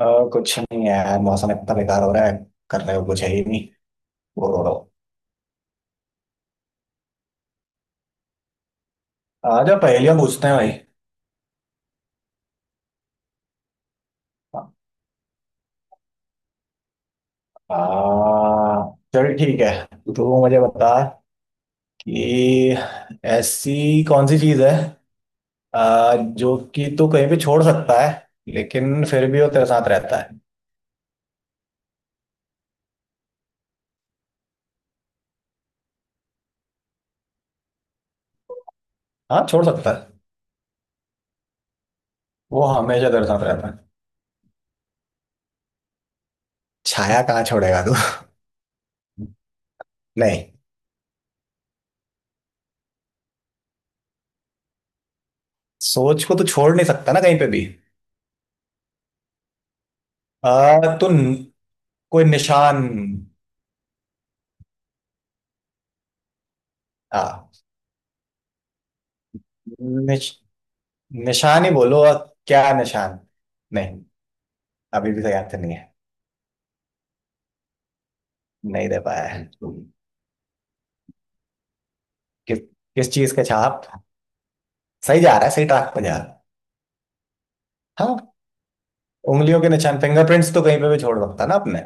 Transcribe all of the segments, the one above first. अ, कुछ नहीं यार, मौसम इतना बेकार हो रहा है। करने को कुछ है ही नहीं। बोर हो रहा हूँ। आ जा पहेलियां पूछते हैं भाई। आ, चल ठीक है, तू मुझे बता कि ऐसी कौन सी चीज है जो कि तू कहीं भी छोड़ सकता है लेकिन फिर भी वो तेरे साथ रहता है। हाँ, छोड़ सकता है, वो हमेशा तेरे साथ रहता है। छाया कहाँ छोड़ेगा तू? नहीं, सोच को तू छोड़ नहीं सकता ना कहीं पे भी। आ, तू न- कोई निशान। हाँ, निशान ही बोलो, और क्या निशान। नहीं, अभी भी तो याद नहीं है, नहीं दे पाया है। किस किस चीज के छाप? सही जा रहा है, सही ट्रैक पे जा रहा है। हाँ, उंगलियों के निशान फिंगरप्रिंट्स तो कहीं पे भी छोड़ सकता ना अपने।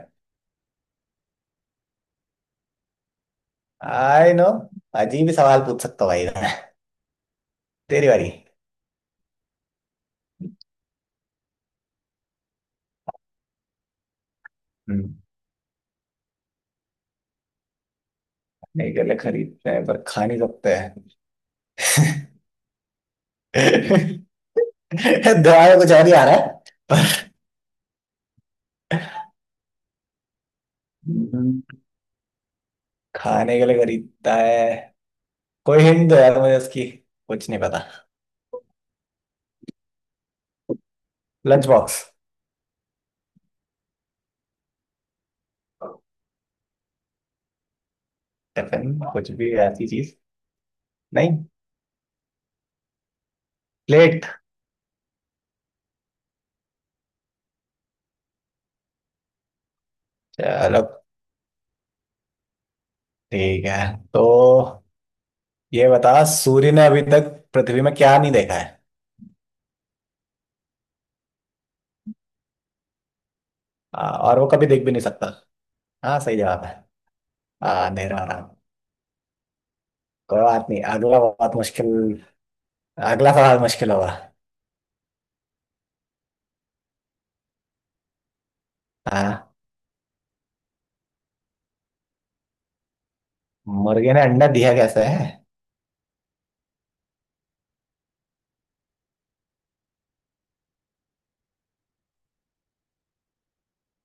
आई नो, अजीब ही सवाल पूछ सकता हूँ भाई मैं। तेरी बारी। हम्म, नहीं गले खरीदते हैं पर खा नहीं सकते हैं। दवाई कुछ और ही आ रहा है। हम्म, खाने के लिए खरीदता है, कोई हिंट दो यार मुझे इसकी, कुछ नहीं पता। Lunch box. टिफिन कुछ भी ऐसी चीज। नहीं, प्लेट। चलो ठीक है, तो ये बता सूर्य ने अभी तक पृथ्वी में क्या नहीं देखा है, और वो कभी देख भी नहीं सकता। हाँ, सही जवाब है। हाँ, अंधेरा हो रहा। कोई बात नहीं, अगला बहुत मुश्किल, अगला सवाल मुश्किल होगा। हाँ, मुर्गे ने अंडा दिया कैसे है?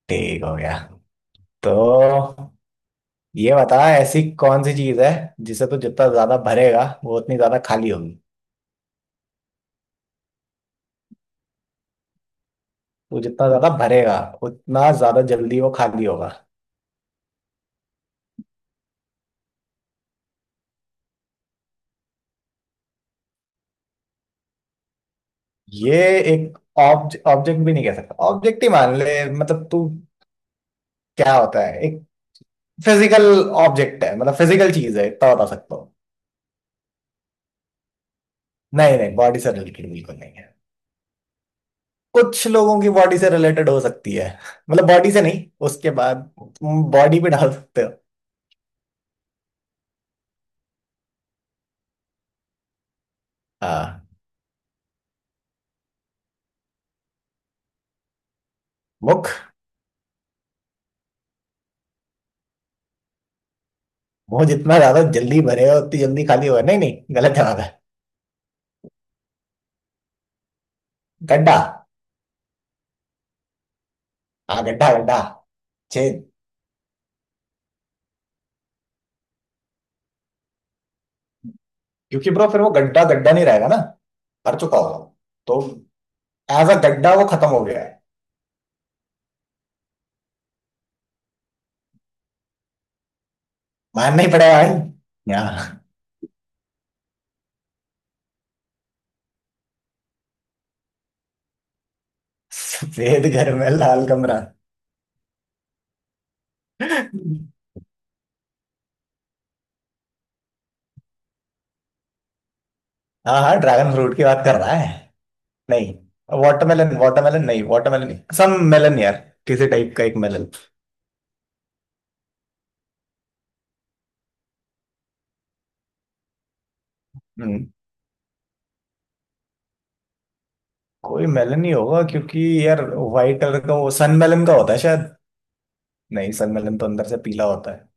ठीक हो गया, तो ये बता ऐसी कौन सी चीज है जिसे तू जितना ज्यादा भरेगा वो उतनी ज्यादा खाली होगी। तू जितना ज्यादा भरेगा उतना ज्यादा जल्दी वो खाली होगा। ये एक ऑब्जेक्ट भी नहीं कह सकता, ऑब्जेक्ट ही मान ले, मतलब तू क्या होता है, एक फिजिकल ऑब्जेक्ट है, मतलब फिजिकल चीज है, इतना बता सकता हूँ। नहीं नहीं, बॉडी से रिलेटेड बिल्कुल नहीं है। कुछ लोगों की बॉडी से रिलेटेड हो सकती है, मतलब बॉडी से नहीं, उसके बाद तुम बॉडी भी डाल सकते हो। हाँ, मुख, मुंह जितना ज्यादा जल्दी भरे हो उतनी जल्दी खाली हो? नहीं नहीं, गलत जवाब है। गड्ढा। हाँ, गड्ढा गड्ढा, छेद। क्योंकि ब्रो फिर वो गड्ढा गड्ढा नहीं रहेगा ना, भर चुका होगा वो। तो एज अ गड्ढा वो खत्म हो गया है। मानना ही पड़ेगा भाई, यहाँ। सफेद घर में लाल कमरा, हाँ हाँ ड्रैगन फ्रूट की बात कर रहा है? नहीं, वाटरमेलन, वाटरमेलन नहीं, वाटरमेलन नहीं सम मेलन यार, किसी टाइप का एक मेलन। हम्म कोई मेलन ही होगा, क्योंकि यार व्हाइट कलर का वो सन मेलन का होता है शायद। नहीं, सन मेलन तो अंदर से पीला होता है,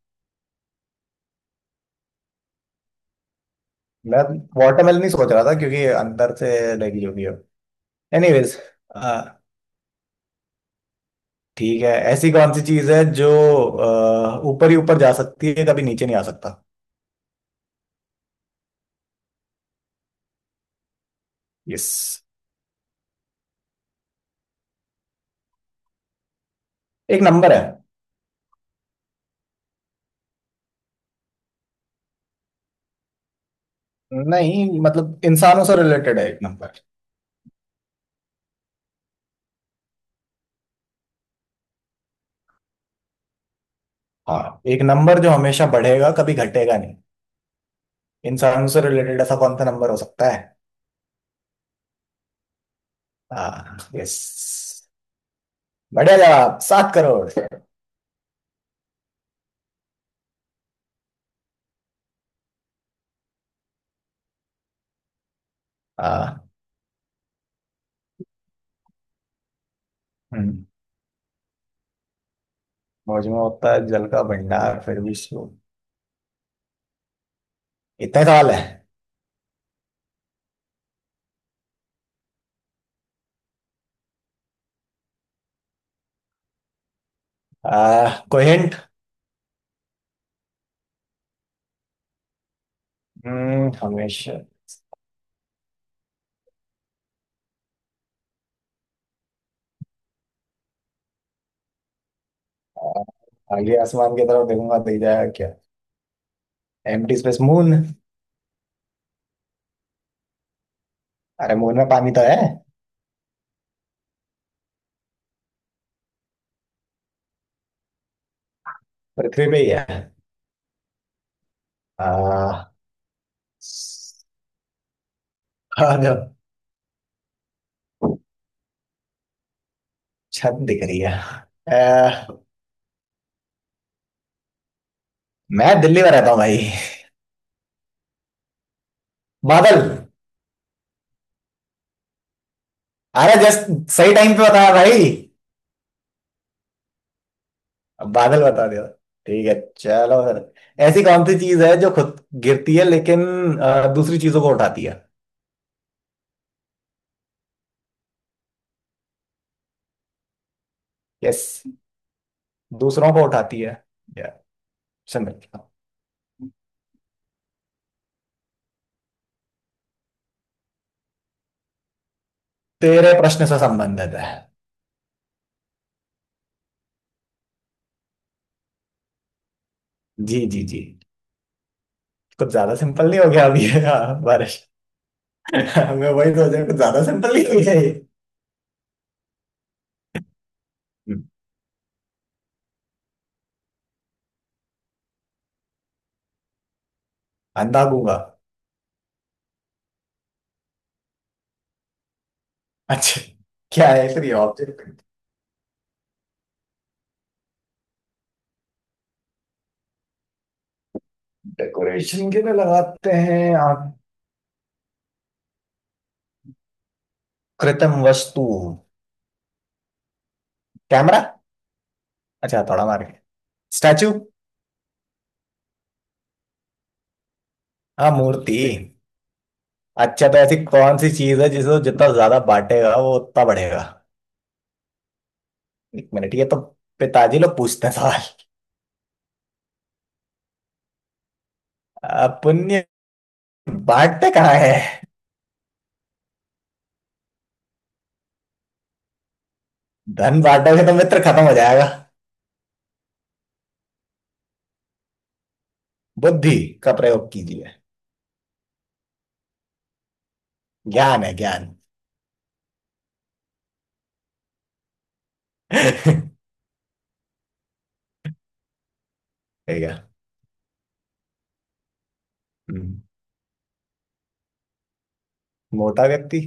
मैं वाटरमेलन ही सोच रहा था क्योंकि अंदर से लगी होगी। एनीवेज ठीक है, ऐसी कौन सी चीज है जो अ, ऊपर ही ऊपर जा सकती है कभी नीचे नहीं आ सकता? यस, एक नंबर है। नहीं मतलब, इंसानों से रिलेटेड है एक नंबर। हाँ, एक नंबर जो हमेशा बढ़ेगा कभी घटेगा नहीं। इंसानों से रिलेटेड ऐसा कौन सा नंबर हो सकता है? हाँ, यस। बढ़िया जवाब, 7 करोड़। हाँ, हम्म मौज में होता है जल का भंडार, फिर भी slow। इतने सवाल है। कोई हिंट। हमेशा। आगे आसमान की तरफ देखूंगा दिख जाएगा? Empty space, moon. अरे मून में पानी तो है। पृथ्वी पे ही है। आ, आ, जो छत दिख रही है, मैं दिल्ली में रहता हूँ भाई। बादल? अरे जस्ट, सही टाइम पे बताया भाई, अब बादल बता दिया। ठीक है चलो फिर, ऐसी कौन सी चीज है जो खुद गिरती है लेकिन दूसरी चीजों को उठाती है? यस, दूसरों को उठाती है। या चंद्र? तेरे प्रश्न से संबंधित है। जी जी जी, कुछ ज्यादा सिंपल नहीं हो गया अभी ये? हाँ, बारिश। मैं वही सोच रहा हूँ, कुछ ज्यादा सिंपल नहीं है ये। हम्म, अंधा गूंगा। अच्छा, क्या है फिर ये ऑब्जेक्ट? डेकोरेशन के लिए लगाते हैं आप? कृत्रिम वस्तु। कैमरा? अच्छा थोड़ा मार के, स्टैचू। हाँ, मूर्ति। अच्छा, तो ऐसी कौन सी चीज है जिसे जितना ज्यादा बांटेगा वो उतना बढ़ेगा? एक मिनट ये तो पिताजी लोग पूछते हैं सवाल। पुण्य बांटते कहाँ है? धन बांटोगे तो मित्र खत्म हो जाएगा। बुद्धि का प्रयोग कीजिए। ज्ञान है ज्ञान। ठीक है। हम्म, मोटा व्यक्ति।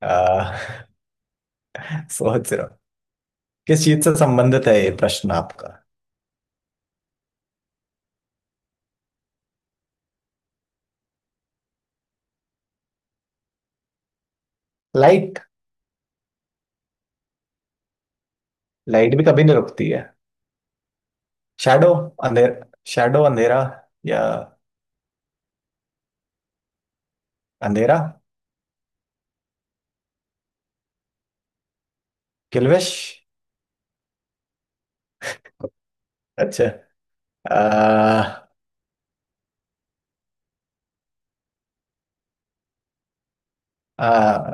आ, सोच रहा हूँ। किस चीज से संबंधित है ये प्रश्न आपका? लाइट? लाइट भी कभी नहीं रुकती है। शैडो अंधेर, शैडो अंधेरा। या अंधेरा? किल्विश? अच्छा। आ, आ,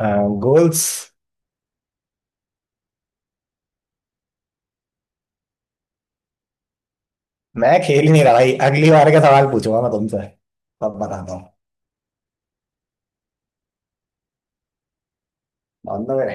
आ, गोल्स? मैं खेल ही नहीं रहा भाई, अगली बार का सवाल पूछूंगा मैं तुमसे, तब बताता हूँ। On the way.